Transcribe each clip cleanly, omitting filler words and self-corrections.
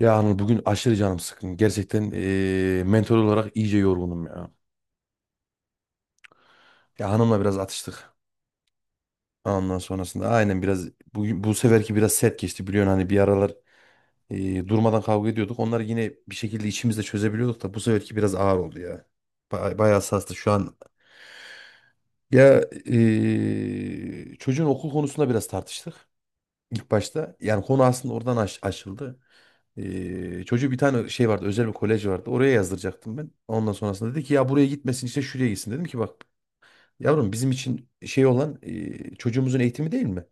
Ya Anıl bugün aşırı canım sıkkın. Gerçekten mental olarak iyice yorgunum ya. Ya hanımla biraz atıştık. Ondan sonrasında aynen biraz bugün bu seferki biraz sert geçti biliyorsun hani bir aralar durmadan kavga ediyorduk. Onları yine bir şekilde içimizde çözebiliyorduk da bu seferki biraz ağır oldu ya. Bayağı hassastı şu an. Ya çocuğun okul konusunda biraz tartıştık. İlk başta yani konu aslında oradan aşıldı. Çocuğu bir tane şey vardı özel bir kolej vardı oraya yazdıracaktım ben. Ondan sonrasında dedi ki ya buraya gitmesin işte şuraya gitsin. Dedim ki bak yavrum bizim için şey olan çocuğumuzun eğitimi değil mi?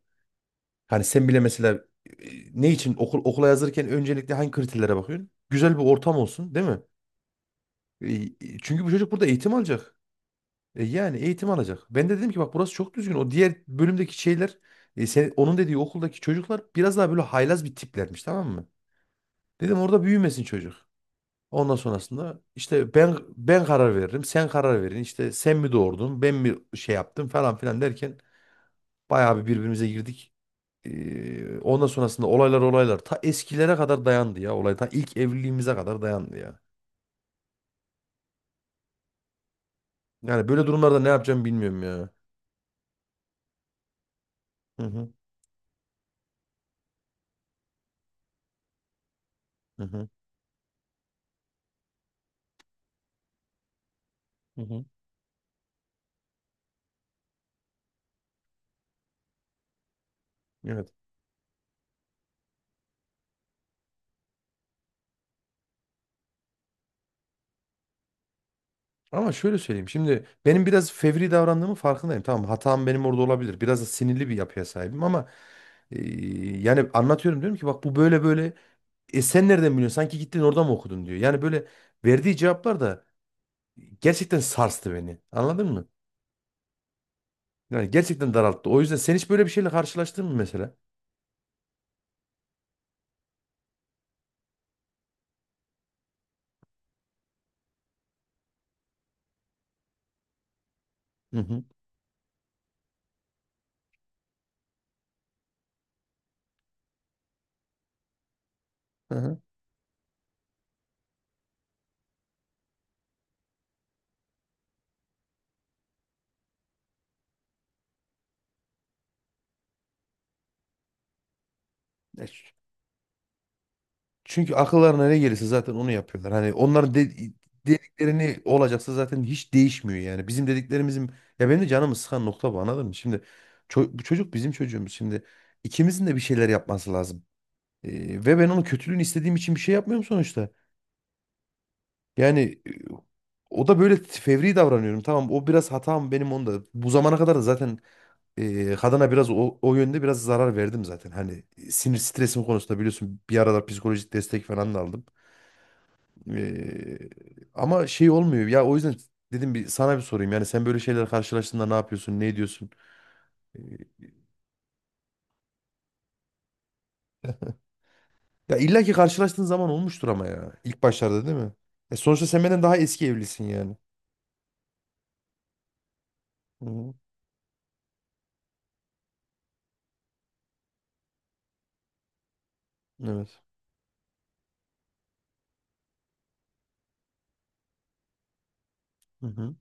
Hani sen bile mesela ne için okul okula yazırken öncelikle hangi kriterlere bakıyorsun? Güzel bir ortam olsun değil mi? E, çünkü bu çocuk burada eğitim alacak. Yani eğitim alacak. Ben de dedim ki bak burası çok düzgün. O diğer bölümdeki şeyler sen, onun dediği okuldaki çocuklar biraz daha böyle haylaz bir tiplermiş, tamam mı? Dedim orada büyümesin çocuk. Ondan sonrasında işte ben karar veririm, sen karar verin. İşte sen mi doğurdun, ben mi şey yaptım falan filan derken bayağı bir birbirimize girdik. Ondan sonrasında olaylar ta eskilere kadar dayandı ya, olay ta ilk evliliğimize kadar dayandı ya. Yani böyle durumlarda ne yapacağımı bilmiyorum ya. Hı hı hı hı. Hı hı. Evet. Ama şöyle söyleyeyim. Şimdi benim biraz fevri davrandığımın farkındayım. Tamam, hatam benim orada olabilir. Biraz da sinirli bir yapıya sahibim ama e, yani anlatıyorum, diyorum ki bak bu böyle böyle. E sen nereden biliyorsun? Sanki gittin orada mı okudun diyor. Yani böyle verdiği cevaplar da gerçekten sarstı beni. Anladın mı? Yani gerçekten daralttı. O yüzden sen hiç böyle bir şeyle karşılaştın mı mesela? Hı hı. Hı hı. E, Çünkü akıllarına ne gelirse zaten onu yapıyorlar. Hani onların dediklerini olacaksa zaten hiç değişmiyor yani. Bizim dediklerimizin ya benim de canımı sıkan nokta bu, anladın mı? Şimdi bu çocuk bizim çocuğumuz. Şimdi ikimizin de bir şeyler yapması lazım. Ve ben onun kötülüğünü istediğim için bir şey yapmıyorum sonuçta. Yani e, o da böyle fevri davranıyorum. Tamam, o biraz hatam benim onda. Bu zamana kadar da zaten kadına biraz o yönde biraz zarar verdim zaten. Hani sinir stresim konusunda biliyorsun bir aralar psikolojik destek falan da aldım. Ee, Ama şey olmuyor. Ya o yüzden dedim bir sana bir sorayım. Yani sen böyle şeyler karşılaştığında ne yapıyorsun? Ne ediyorsun? Ee, Ya illa ki karşılaştığın zaman olmuştur ama ya. İlk başlarda değil mi? E sonuçta sen benden daha eski evlisin yani. Hı-hı. Evet. Hı-hı.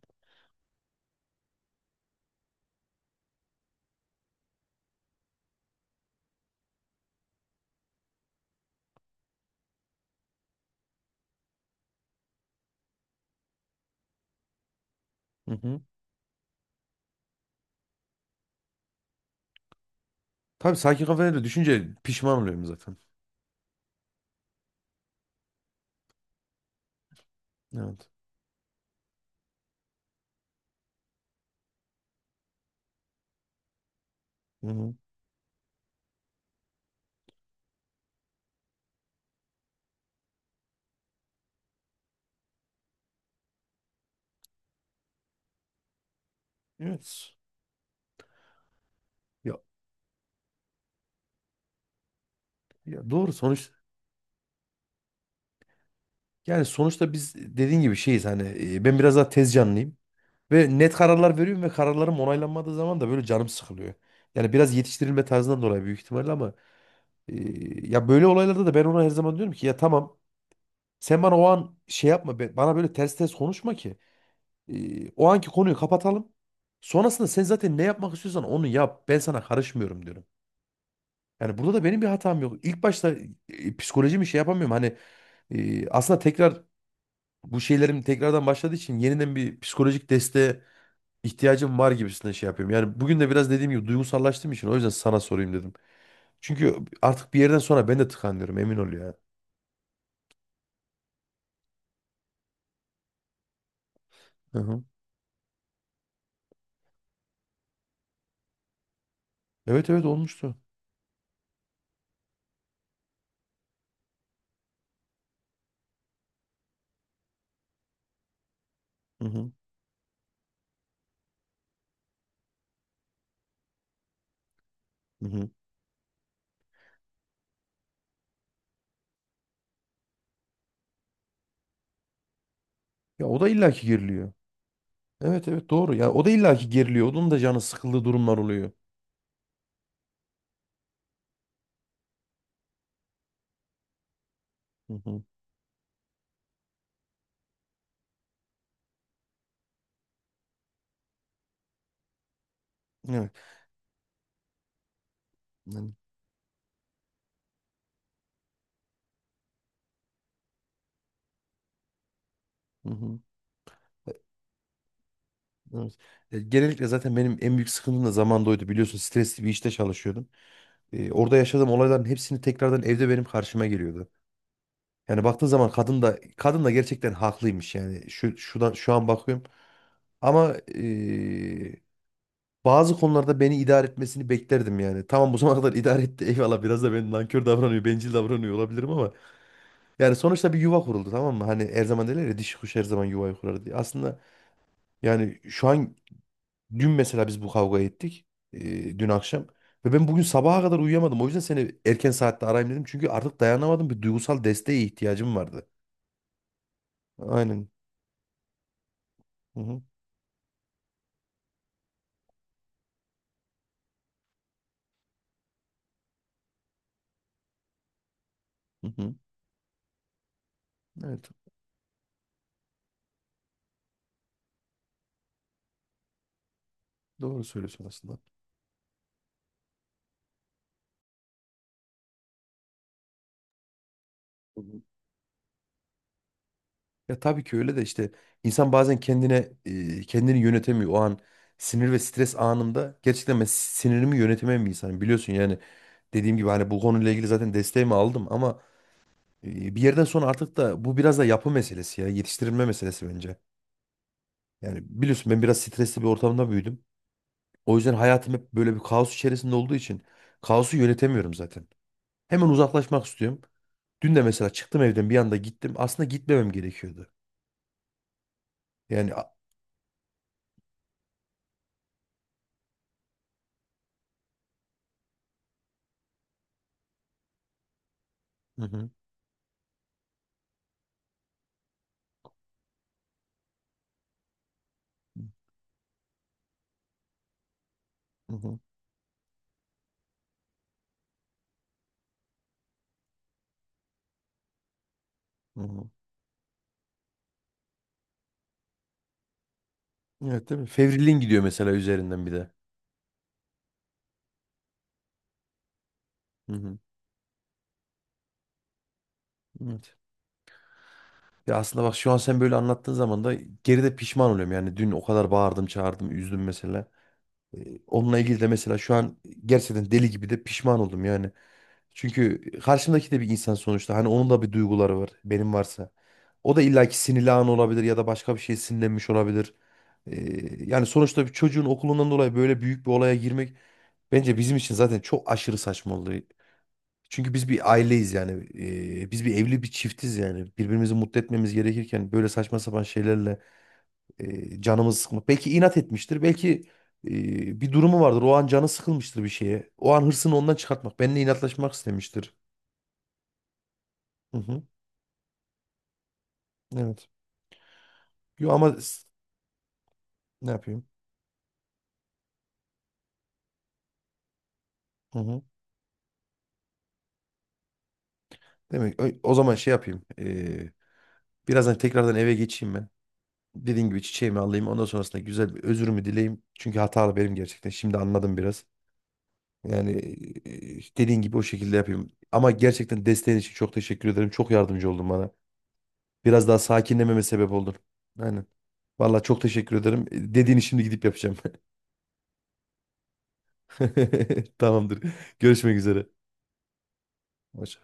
Hı-hı. Tabii sakin kafayla da düşünce pişman oluyorum zaten. Evet. Hı-hı. Evet. Ya, ya doğru sonuç. Yani sonuçta biz dediğin gibi şeyiz hani ben biraz daha tez canlıyım. Ve net kararlar veriyorum ve kararlarım onaylanmadığı zaman da böyle canım sıkılıyor. Yani biraz yetiştirilme tarzından dolayı büyük ihtimalle ama e, ya böyle olaylarda da ben ona her zaman diyorum ki ya tamam, sen bana o an şey yapma, bana böyle ters ters konuşma ki o anki konuyu kapatalım. Sonrasında sen zaten ne yapmak istiyorsan onu yap. Ben sana karışmıyorum diyorum. Yani burada da benim bir hatam yok. İlk başta psikolojimi şey yapamıyorum. Hani aslında tekrar bu şeylerim tekrardan başladığı için yeniden bir psikolojik desteğe ihtiyacım var gibisine şey yapıyorum. Yani bugün de biraz dediğim gibi duygusallaştığım için o yüzden sana sorayım dedim. Çünkü artık bir yerden sonra ben de tıkanıyorum, emin ol ya. Hı hı. Evet evet, olmuştu. Hı hı. Hı hı. Ya o da illaki geriliyor. Evet evet doğru. Ya o da illaki geriliyor. Onun da canı sıkıldığı durumlar oluyor. Hı hı. Evet. Yani, hı hı. E, Evet. Genellikle zaten benim en büyük sıkıntım da zamanda oydu, biliyorsun stresli bir işte çalışıyordum. Orada yaşadığım olayların hepsini tekrardan evde benim karşıma geliyordu. Yani baktığın zaman kadın da gerçekten haklıymış yani şu şuradan şu an bakıyorum. Ama bazı konularda beni idare etmesini beklerdim yani. Tamam bu zamana kadar idare etti, eyvallah, biraz da ben nankör davranıyor, bencil davranıyor olabilirim ama yani sonuçta bir yuva kuruldu, tamam mı? Hani her zaman derler ya dişi kuş her zaman yuvayı kurar diye. Aslında yani şu an dün mesela biz bu kavga ettik dün akşam ve ben bugün sabaha kadar uyuyamadım. O yüzden seni erken saatte arayayım dedim çünkü artık dayanamadım, bir duygusal desteğe ihtiyacım vardı. Aynen. Hı hı. Hı hı. Evet, doğru söylüyorsun aslında. Hı hı. Ya tabii ki öyle de işte insan bazen kendine kendini yönetemiyor. O an sinir ve stres anımda gerçekten ben sinirimi yönetemem bir insanım. Biliyorsun yani dediğim gibi hani bu konuyla ilgili zaten desteğimi aldım ama bir yerden sonra artık da bu biraz da yapı meselesi ya yetiştirilme meselesi bence. Yani biliyorsun ben biraz stresli bir ortamda büyüdüm. O yüzden hayatım hep böyle bir kaos içerisinde olduğu için kaosu yönetemiyorum zaten. Hemen uzaklaşmak istiyorum. Dün de mesela çıktım evden bir anda gittim. Aslında gitmemem gerekiyordu. Yani hı hı. Hı hı. Hı hı. Evet değil mi? Fevriliğin gidiyor mesela üzerinden bir de. Hı hı. Evet. Ya aslında bak şu an sen böyle anlattığın zaman da geride pişman oluyorum. Yani dün o kadar bağırdım, çağırdım, üzdüm mesela. E, Onunla ilgili de mesela şu an gerçekten deli gibi de pişman oldum yani. Çünkü karşımdaki de bir insan sonuçta. Hani onun da bir duyguları var. Benim varsa. O da illaki sinirli an olabilir ya da başka bir şey sinirlenmiş olabilir. Yani sonuçta bir çocuğun okulundan dolayı böyle büyük bir olaya girmek bence bizim için zaten çok aşırı saçma oldu. Çünkü biz bir aileyiz yani. Biz bir evli bir çiftiz yani. Birbirimizi mutlu etmemiz gerekirken böyle saçma sapan şeylerle canımız sıkmak. Belki inat etmiştir. Belki bir durumu vardır. O an canı sıkılmıştır bir şeye. O an hırsını ondan çıkartmak. Benimle inatlaşmak istemiştir. Hı hı. Evet. Yo ama ne yapayım? Hı hı. Demek o zaman şey yapayım. Birazdan tekrardan eve geçeyim ben. Dediğim gibi çiçeğimi alayım. Ondan sonrasında güzel bir özürümü dileyim. Çünkü hatalı benim gerçekten. Şimdi anladım biraz. Yani dediğin gibi o şekilde yapayım. Ama gerçekten desteğin için çok teşekkür ederim. Çok yardımcı oldun bana. Biraz daha sakinlememe sebep oldun. Aynen. Vallahi çok teşekkür ederim. Dediğini şimdi gidip yapacağım. Tamamdır. Görüşmek üzere. Hoşça